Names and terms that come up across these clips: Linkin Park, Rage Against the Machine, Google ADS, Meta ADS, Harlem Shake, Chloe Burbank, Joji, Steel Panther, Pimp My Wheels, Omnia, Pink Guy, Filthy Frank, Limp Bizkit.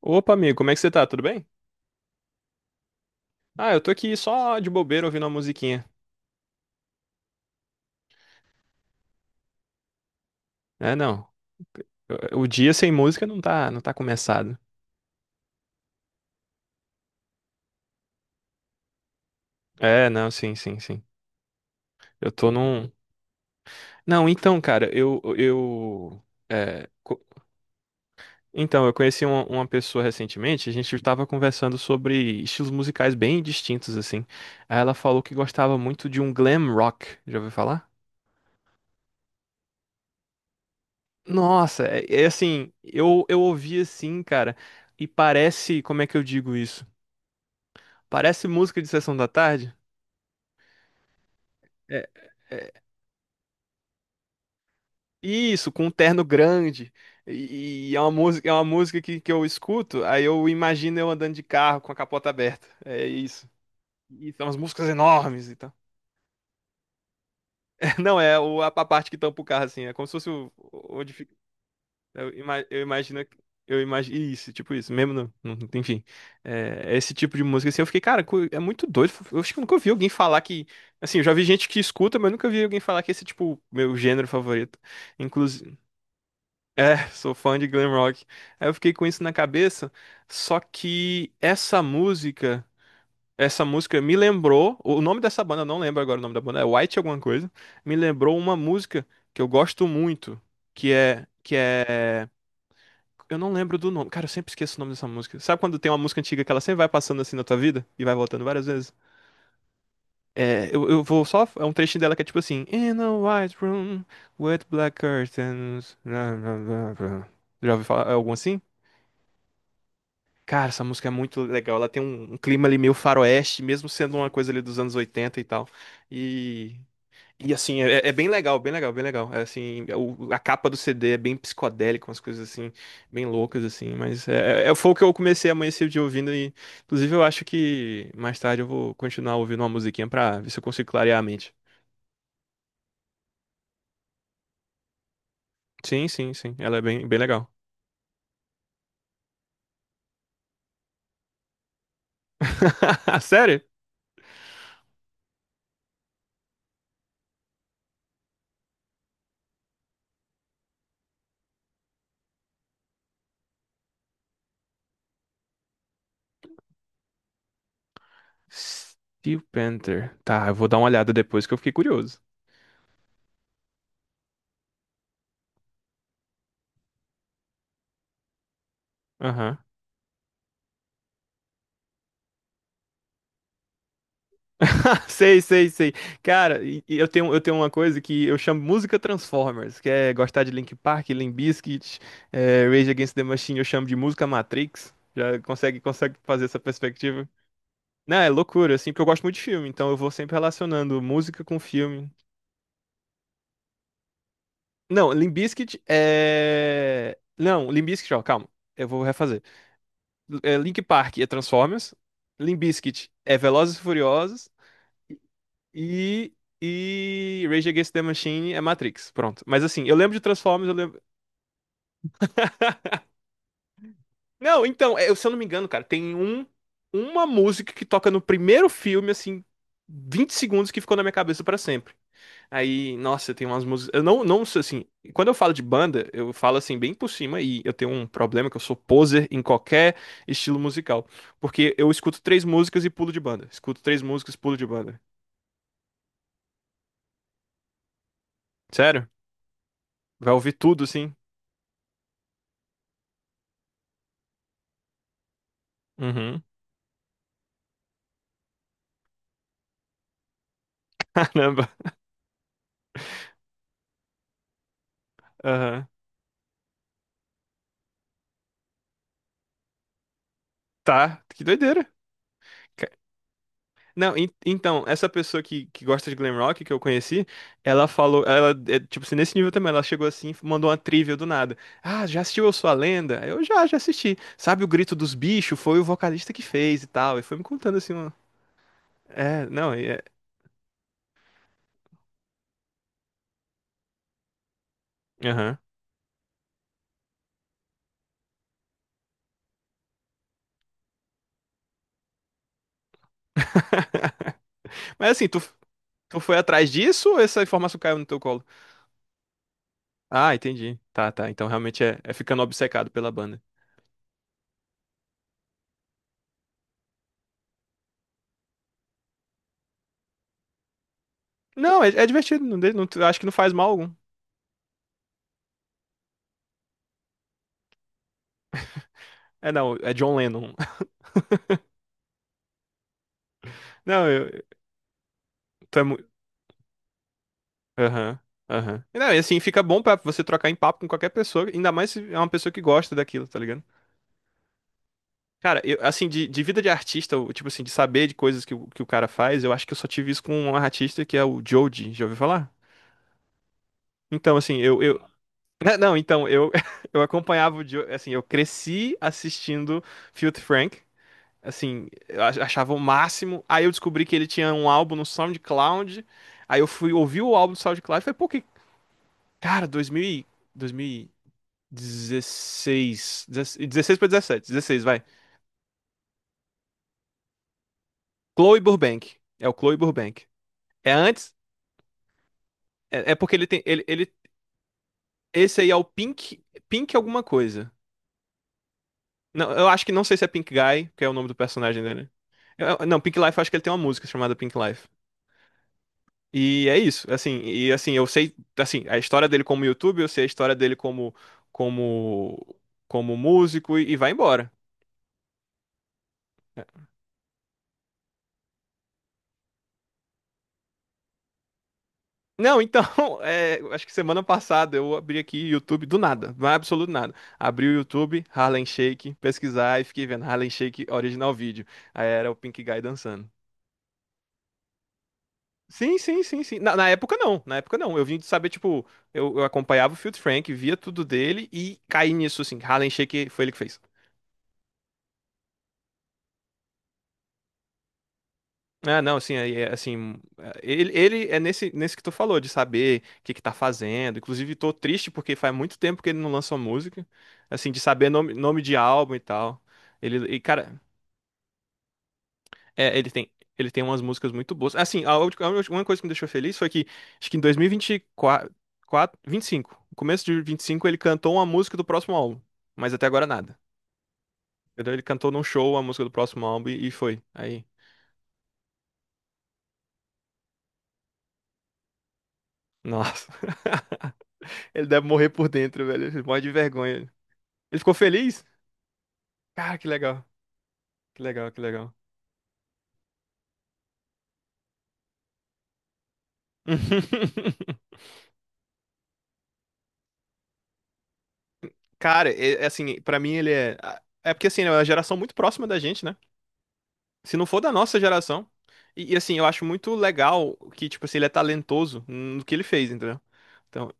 Opa, amigo, como é que você tá? Tudo bem? Ah, eu tô aqui só de bobeira ouvindo uma musiquinha. É, não. O dia sem música não tá começado. É, não, sim, sim, sim. Eu tô num. Não, então, cara, é, co- então, eu conheci uma pessoa recentemente, a gente tava conversando sobre estilos musicais bem distintos, assim. Aí ela falou que gostava muito de um glam rock. Já ouviu falar? Nossa, é assim, eu ouvi assim, cara, e parece, como é que eu digo isso? Parece música de sessão da tarde. É, é, isso, com um terno grande. E é uma música, que eu escuto, aí eu imagino eu andando de carro com a capota aberta. É isso. E são as músicas enormes e tal. Não, é o, a parte que tampa o carro, assim. É como se fosse o, onde, eu imagino. Eu imagino. Isso, tipo isso, mesmo. Não enfim. É, esse tipo de música, assim, eu fiquei, cara, é muito doido. Eu acho que eu nunca ouvi alguém falar que. Assim, eu já vi gente que escuta, mas eu nunca vi alguém falar que esse, é, tipo, meu gênero favorito. Inclusive. É, sou fã de glam rock. Aí eu fiquei com isso na cabeça. Só que essa música. Essa música me lembrou. O nome dessa banda, eu não lembro agora o nome da banda, é White alguma coisa. Me lembrou uma música que eu gosto muito. Que é. Que é. Eu não lembro do nome. Cara, eu sempre esqueço o nome dessa música. Sabe quando tem uma música antiga que ela sempre vai passando assim na tua vida? E vai voltando várias vezes? É, eu vou só. É um trechinho dela que é tipo assim: "In a white room with black curtains, blá, blá, blá, blá." Já ouviu falar algum assim? Cara, essa música é muito legal. Ela tem um clima ali meio faroeste, mesmo sendo uma coisa ali dos anos 80 e tal. E E assim, é bem legal, bem legal, bem legal. É, assim, a capa do CD é bem psicodélica, umas coisas assim, bem loucas, assim, mas foi o que eu comecei a amanhecer o dia ouvindo, e inclusive eu acho que mais tarde eu vou continuar ouvindo uma musiquinha pra ver se eu consigo clarear a mente. Sim, sim, sim, ela é bem, bem legal. Sério? Steel Panther. Tá, eu vou dar uma olhada depois que eu fiquei curioso. Aham. Sei, sei, sei. Cara, e eu tenho uma coisa que eu chamo música Transformers, que é gostar de Linkin Park, Limp Bizkit, Rage Against the Machine, eu chamo de música Matrix. Já consegue fazer essa perspectiva? Não, é loucura, assim, porque eu gosto muito de filme, então eu vou sempre relacionando música com filme. Não, Limp Bizkit é... Não, Limp Bizkit, ó, calma, eu vou refazer. É, Linkin Park é Transformers, Limp Bizkit é Velozes e Furiosos, E, e Rage Against the Machine é Matrix, pronto. Mas assim, eu lembro de Transformers, eu lembro... Não, então, é, se eu não me engano, cara, tem um, uma música que toca no primeiro filme, assim, 20 segundos que ficou na minha cabeça pra sempre. Aí, nossa, tem umas músicas... Eu não sei, assim, quando eu falo de banda, eu falo, assim, bem por cima, e eu tenho um problema que eu sou poser em qualquer estilo musical. Porque eu escuto três músicas e pulo de banda. Escuto três músicas, pulo de banda. Sério? Vai ouvir tudo, assim? Uhum. Caramba. Aham. Tá, que doideira. Ca- Não, então, essa pessoa que gosta de glam rock que eu conheci, ela falou, ela, tipo assim, nesse nível também, ela chegou assim, mandou uma trivia do nada. Ah, já assistiu Eu Sou a Lenda? Eu já assisti. Sabe o Grito dos Bichos? Foi o vocalista que fez e tal. E foi me contando assim, uma... É, não, é... Aham. Mas assim, tu foi atrás disso ou essa informação caiu no teu colo? Ah, entendi. Tá, tá. Então realmente é ficando obcecado pela banda. Não, é divertido. Não, acho que não faz mal algum. É, não, é John Lennon. Não, eu, Tu é muito. Aham, aham. E Não, e assim, fica bom pra você trocar em papo com qualquer pessoa, ainda mais se é uma pessoa que gosta daquilo, tá ligado? Cara, eu, assim, de vida de artista, tipo assim, de saber de coisas que, que o cara faz, eu acho que eu só tive isso com um artista que é o Joji, já ouviu falar? Então, assim, eu... Não, então, eu, eu acompanhava o Joe, assim, eu cresci assistindo Filthy Frank, assim, eu achava o máximo, aí eu descobri que ele tinha um álbum no SoundCloud, aí eu fui ouvir o álbum do SoundCloud e falei, pô, que, cara, 2000 e... 16. Dezesseis pra 17. 16 vai. Chloe Burbank. É o Chloe Burbank. É antes. É porque ele tem. Esse aí é o Pink. Pink alguma coisa. Não, eu acho que não sei se é Pink Guy, que é o nome do personagem dele. Não, Pink Life, eu acho que ele tem uma música chamada Pink Life. E é isso, assim, e assim, eu sei, assim, a história dele como YouTube, eu sei a história dele como como como músico e vai embora. Não, então, é, acho que semana passada eu abri aqui o YouTube do nada, não é absoluto nada. Abri o YouTube, Harlem Shake, pesquisar e fiquei vendo Harlem Shake original vídeo. Aí era o Pink Guy dançando. Sim, sim, sim, sim. Na época não, na época não. Eu vim de saber, tipo, eu acompanhava o Filthy Frank, via tudo dele e caí nisso, assim. Harlem Shake foi ele que fez. Ah, não, assim, assim, é, ele é nesse, que tu falou, de saber o que que tá fazendo. Inclusive, tô triste porque faz muito tempo que ele não lançou música, assim, de saber nome, nome de álbum e tal. Ele, e, cara, é, ele tem umas músicas muito boas. Assim, uma coisa que me deixou feliz foi que, acho que em 2024, 25, no começo de 25, ele cantou uma música do próximo álbum, mas até agora nada. Entendeu? Ele cantou num show a música do próximo álbum e foi. Aí, nossa. Ele deve morrer por dentro, velho. Ele morre de vergonha. Ele ficou feliz? Cara, que legal. Que legal, que legal. Cara, é assim, pra mim ele é. É porque assim, né, é uma geração muito próxima da gente, né? Se não for da nossa geração. E assim, eu acho muito legal que, tipo assim, ele é talentoso no que ele fez, entendeu? Então,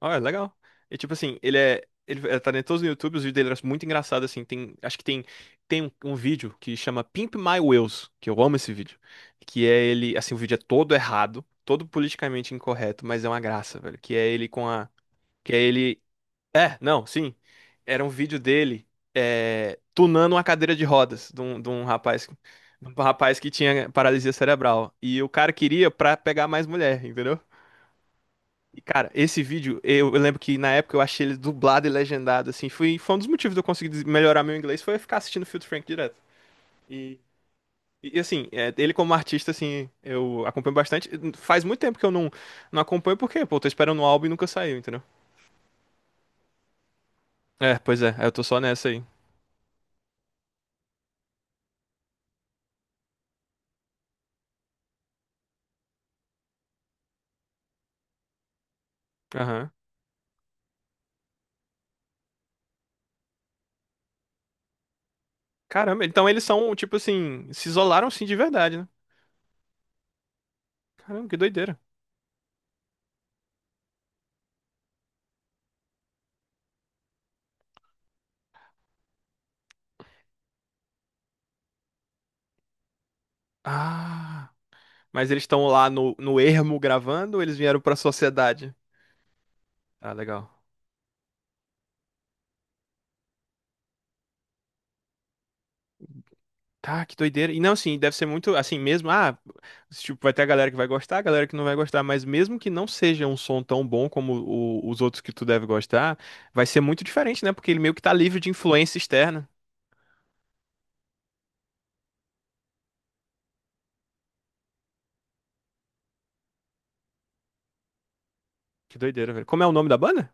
Olha, legal. E tipo assim, ele é. Ele é talentoso no YouTube, os vídeos dele eram muito engraçados, assim. Tem, acho que tem, tem um, um vídeo que chama Pimp My Wheels, que eu amo esse vídeo. Que é ele, assim, o vídeo é todo errado, todo politicamente incorreto, mas é uma graça, velho. Que é ele com a. Que é ele. É, não, sim. Era um vídeo dele tunando uma cadeira de rodas de um rapaz. De um rapaz que tinha paralisia cerebral. E o cara queria pra pegar mais mulher, entendeu? E, cara, esse vídeo, eu lembro que na época eu achei ele dublado e legendado, assim. Foi um dos motivos de eu conseguir melhorar meu inglês, foi eu ficar assistindo Filtro Frank direto. E, e assim, é, ele como artista, assim, eu acompanho bastante. Faz muito tempo que eu não acompanho, porque, pô, eu tô esperando um álbum e nunca saiu, entendeu? É, pois é, eu tô só nessa aí. Aham. Caramba, então eles são, tipo assim, se isolaram assim de verdade, né? Caramba, que doideira. Ah. Mas eles estão lá no ermo gravando ou eles vieram pra sociedade? Ah, legal. Tá, que doideira. E não, assim, deve ser muito assim mesmo. Ah, tipo, vai ter a galera que vai gostar, a galera que não vai gostar, mas mesmo que não seja um som tão bom como os outros que tu deve gostar, vai ser muito diferente, né? Porque ele meio que tá livre de influência externa. Que doideira, velho. Como é o nome da banda?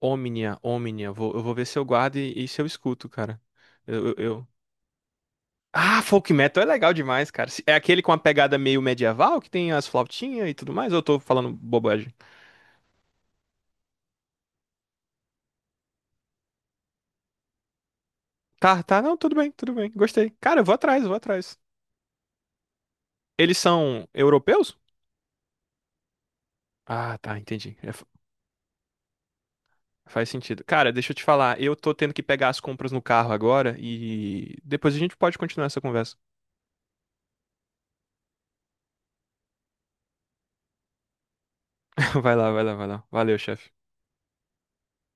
Omnia, Omnia. Eu vou ver se eu guardo e se eu escuto, cara. Eu, eu, eu- Ah, folk metal é legal demais, cara. É aquele com a pegada meio medieval que tem as flautinhas e tudo mais, ou eu tô falando bobagem? Tá, tá, não, tudo bem, tudo bem. Gostei. Cara, eu vou atrás, eu vou atrás. Eles são europeus? Ah, tá, entendi. É, faz sentido. Cara, deixa eu te falar, eu tô tendo que pegar as compras no carro agora e depois a gente pode continuar essa conversa. Vai lá, vai lá, vai lá. Valeu, chefe.